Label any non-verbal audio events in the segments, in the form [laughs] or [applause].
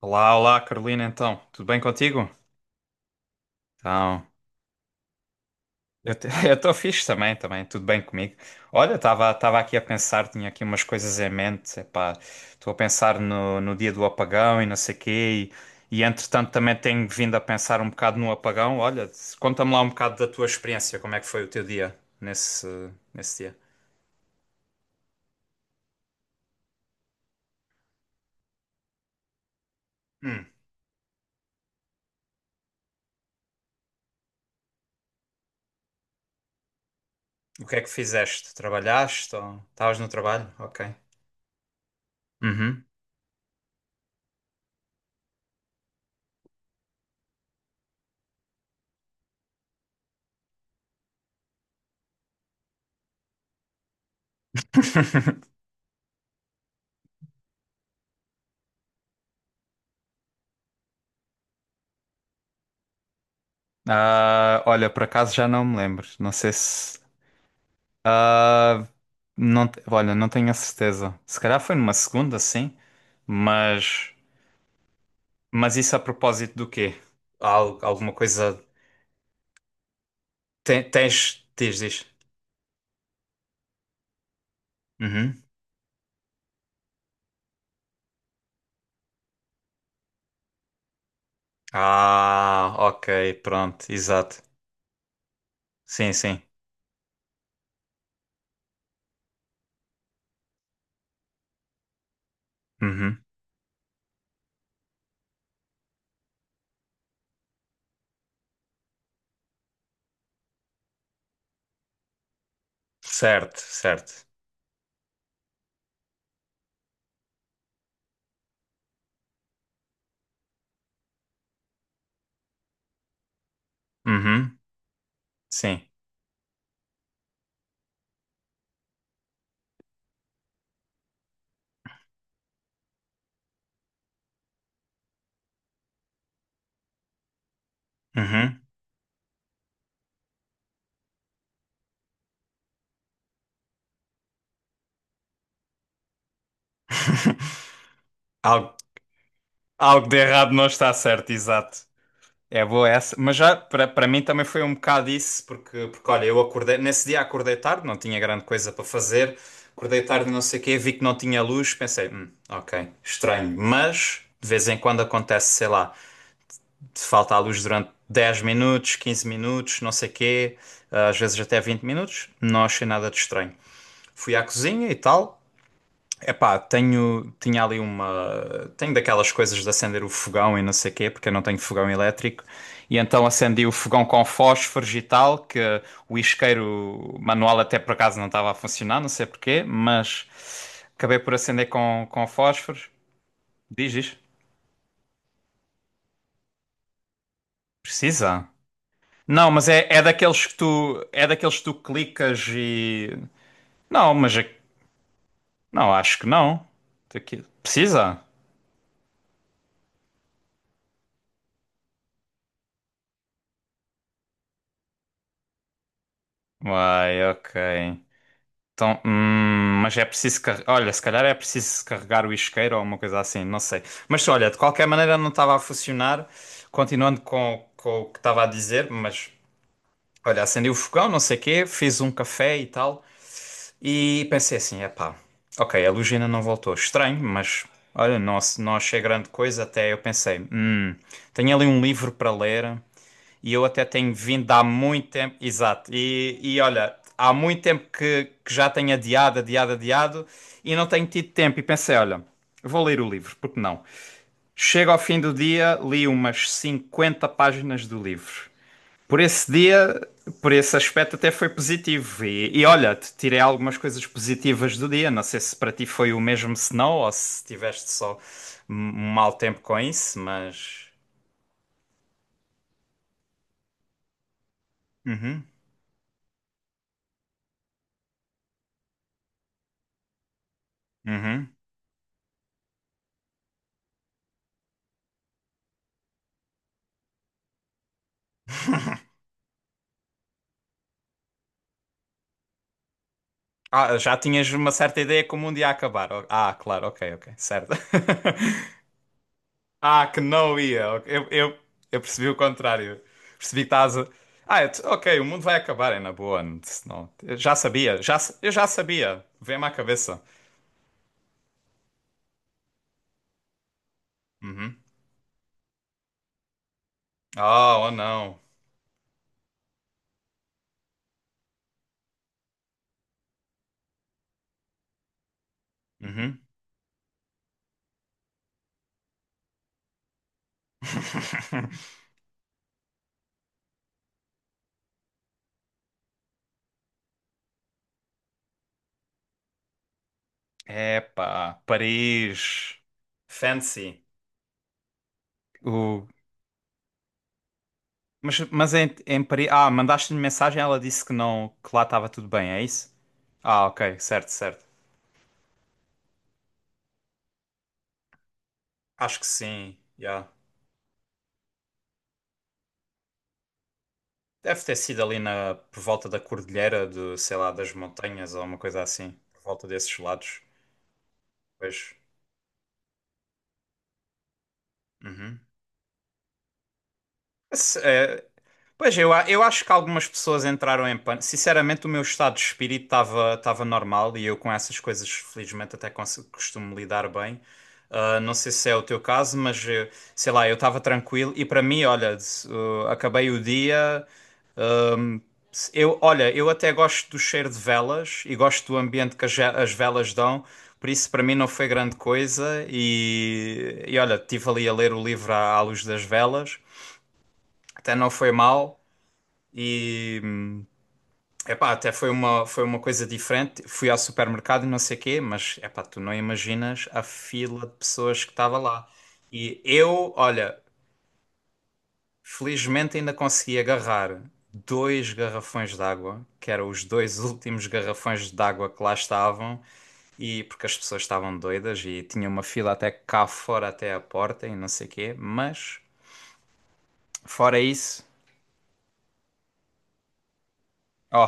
Olá, olá, Carolina, então, tudo bem contigo? Então, [laughs] eu estou fixe também, também, tudo bem comigo. Olha, estava aqui a pensar, tinha aqui umas coisas em mente, epá, estou a pensar no dia do apagão e não sei quê, e entretanto também tenho vindo a pensar um bocado no apagão. Olha, conta-me lá um bocado da tua experiência, como é que foi o teu dia nesse dia? Hum, o que é que fizeste? Trabalhaste ou estavas no trabalho? Ok. Uhum. Ah, olha, por acaso já não me lembro. Não sei se. Ah, não, olha, não tenho a certeza. Se calhar foi numa segunda, sim, mas, mas isso a propósito do quê? Alguma coisa. Tens. Diz, diz. Uhum. Ah, ok, pronto, exato. Sim, sim. Uhum. Certo, certo. Uhum. Sim. Uhum. [laughs] Algo, algo de errado não está certo, exato. É boa essa, mas já para mim também foi um bocado isso, porque olha, eu acordei, nesse dia acordei tarde, não tinha grande coisa para fazer, acordei tarde, não sei o quê, vi que não tinha luz, pensei, ok, estranho, mas de vez em quando acontece, sei lá, te falta a luz durante 10 minutos, 15 minutos, não sei o quê, às vezes até 20 minutos, não achei nada de estranho. Fui à cozinha e tal. Epá, tinha ali uma. Tenho daquelas coisas de acender o fogão e não sei quê, porque eu não tenho fogão elétrico. E então acendi o fogão com fósforos e tal, que o isqueiro manual até por acaso não estava a funcionar, não sei porquê, mas acabei por acender com fósforos. Diz, diz. Precisa? Não, mas é, é daqueles que tu. É daqueles que tu clicas e. Não, mas. Não, acho que não. Precisa? Uai, ok. Então, mas é preciso carregar. Olha, se calhar é preciso carregar o isqueiro ou uma coisa assim, não sei. Mas olha, de qualquer maneira não estava a funcionar. Continuando com o que estava a dizer, mas olha, acendi o fogão, não sei o quê, fiz um café e tal. E pensei assim: epá, ok, a luz ainda não voltou. Estranho, mas olha, não, não achei grande coisa. Até eu pensei: tenho ali um livro para ler. E eu até tenho vindo há muito tempo. Exato. E olha, há muito tempo que já tenho adiado, adiado, adiado e não tenho tido tempo. E pensei, olha, vou ler o livro, porque não? Chego ao fim do dia, li umas 50 páginas do livro. Por esse dia, por esse aspecto, até foi positivo. E olha, te tirei algumas coisas positivas do dia. Não sei se para ti foi o mesmo, se não, ou se tiveste só um mau tempo com isso, mas. Uhum, uhum. Ah, já tinhas uma certa ideia como um dia ia acabar. Oh, ah, claro, ok, ok, certo. [laughs] Ah, que não ia. Ok. Eu percebi o contrário. Percebi que estás a... Ah, ok, o mundo vai acabar, é na boa. Não, não. Eu já sabia, já, eu já sabia. Vem-me à cabeça. Uhum. Oh, oh não. Uhum. [laughs] Epá, Paris. Fancy. O... Mas em, em Paris. Ah, mandaste-lhe mensagem, ela disse que não, que lá estava tudo bem, é isso? Ah, ok, certo, certo. Acho que sim, já. Deve ter sido ali na, por volta da cordilheira de, sei lá, das montanhas ou uma coisa assim, por volta desses lados. Pois. Uhum. É, pois eu, eu acho que algumas pessoas entraram em pânico. Sinceramente, o meu estado de espírito estava normal e eu com essas coisas, felizmente, até costumo lidar bem. Ah, não sei se é o teu caso, mas sei lá, eu estava tranquilo e para mim, olha, acabei o dia. Eu, olha, eu até gosto do cheiro de velas e gosto do ambiente que as velas dão, por isso para mim não foi grande coisa. E olha, estive ali a ler o livro à luz das velas, até não foi mal. E epá, até foi uma coisa diferente. Fui ao supermercado e não sei quê, mas epá, tu não imaginas a fila de pessoas que estava lá. E eu, olha, felizmente ainda consegui agarrar dois garrafões de água, que eram os dois últimos garrafões de água que lá estavam, e porque as pessoas estavam doidas e tinha uma fila até cá fora até à porta e não sei o quê, mas fora isso, ó,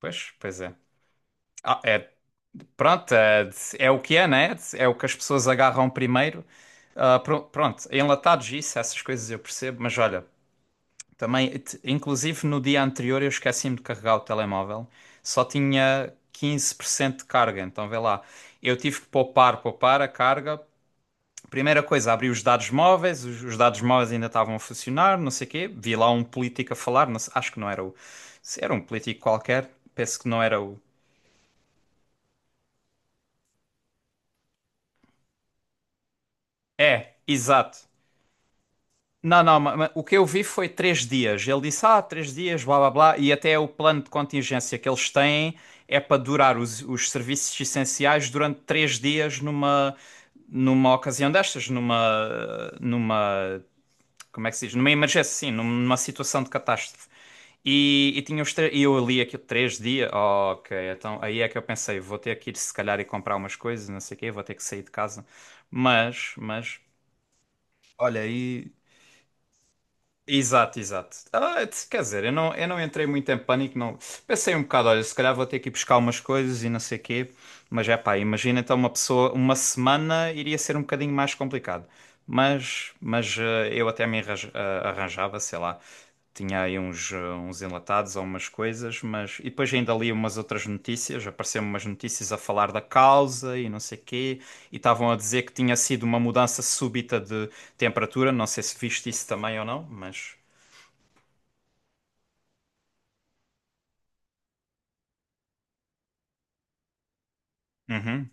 pois, pois é. Ah, é, pronto, é, é o que é, né? É o que as pessoas agarram primeiro. Ah, pronto, enlatados isso, essas coisas eu percebo, mas olha, também, inclusive no dia anterior eu esqueci-me de carregar o telemóvel, só tinha 15% de carga, então vê lá, eu tive que poupar, poupar a carga. Primeira coisa, abri os dados móveis, os dados móveis ainda estavam a funcionar, não sei o quê, vi lá um político a falar, não sei- acho que não era o, se era um político qualquer, penso que não era o. É, exato. Não, não, o que eu vi foi três dias. Ele disse, ah, três dias, blá blá blá, e até o plano de contingência que eles têm é para durar os serviços essenciais durante três dias numa, numa ocasião destas, numa, numa, como é que se diz? Numa emergência, sim, numa situação de catástrofe. E tinha e eu li aquilo três dias. Oh, ok, então aí é que eu pensei, vou ter que ir se calhar e comprar umas coisas, não sei o quê, vou ter que sair de casa. Mas, olha, aí. Exato, exato. Ah, quer dizer, eu não entrei muito em pânico, não. Pensei um bocado, olha, se calhar vou ter que ir buscar umas coisas e não sei quê, mas é pá, imagina então uma pessoa, uma semana iria ser um bocadinho mais complicado. Mas eu até arranjava, sei lá, tinha aí uns, uns enlatados ou umas coisas, mas. E depois ainda li umas outras notícias, apareceram umas notícias a falar da causa e não sei quê, e estavam a dizer que tinha sido uma mudança súbita temperatura. Não sei se viste isso também ou não, mas. Uhum.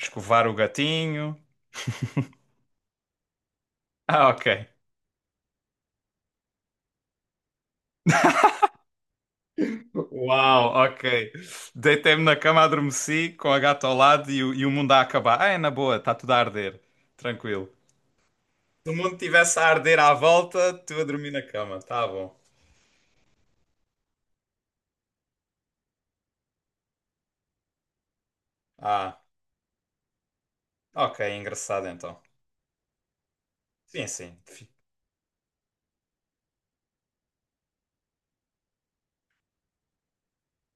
Escovar o gatinho. [laughs] Ah, ok. Uau, ok. Deitei-me na cama, adormeci com a gata ao lado e o mundo a acabar. Ah, é na boa, está tudo a arder. Tranquilo. Se o mundo estivesse a arder à volta, tu a dormir na cama, tá bom. Ah, ok, engraçado então. Sim, sim.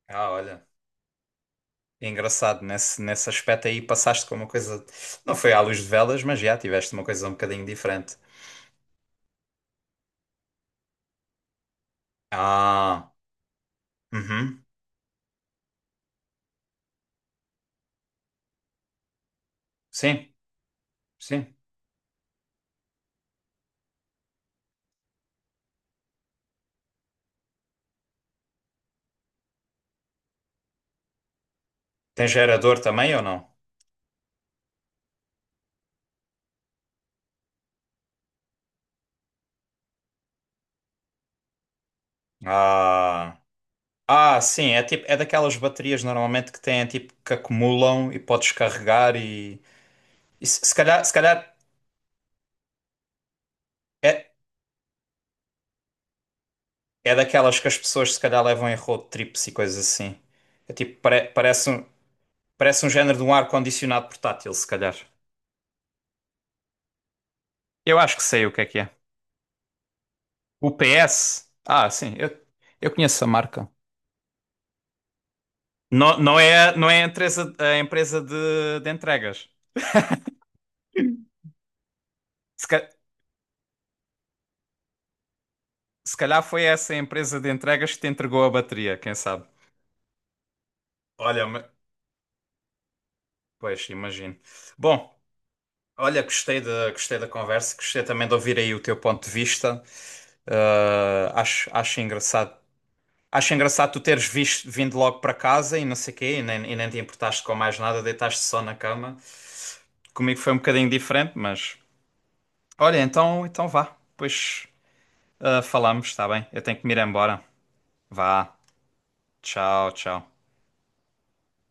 Ah, olha. Engraçado, nesse, nesse aspecto aí passaste com uma coisa. Não foi à luz de velas, mas já tiveste uma coisa um bocadinho diferente. Ah, uhum. Sim, sim. Tem gerador também ou não? Ah, ah, sim, é tipo, é daquelas baterias normalmente que têm tipo que acumulam e podes carregar e se calhar, se calhar é, é daquelas que as pessoas se calhar levam em road trips e coisas assim. É tipo, parece um género de um ar-condicionado portátil, se calhar. Eu acho que sei o que é que é. O PS? Ah, sim, eu conheço a marca. Não, não é, não é a empresa de entregas. Se calhar foi essa a empresa de entregas que te entregou a bateria, quem sabe? Olha, pois, imagino. Bom, olha, gostei da conversa, gostei também de ouvir aí o teu ponto de vista. Ah, acho, acho engraçado. Acho engraçado tu teres visto, vindo logo para casa e não sei quê, e nem te importaste com mais nada, deitaste só na cama. Comigo foi um bocadinho diferente, mas. Olha, então, então vá. Pois, ah, falamos, está bem? Eu tenho que me ir embora. Vá. Tchau, tchau.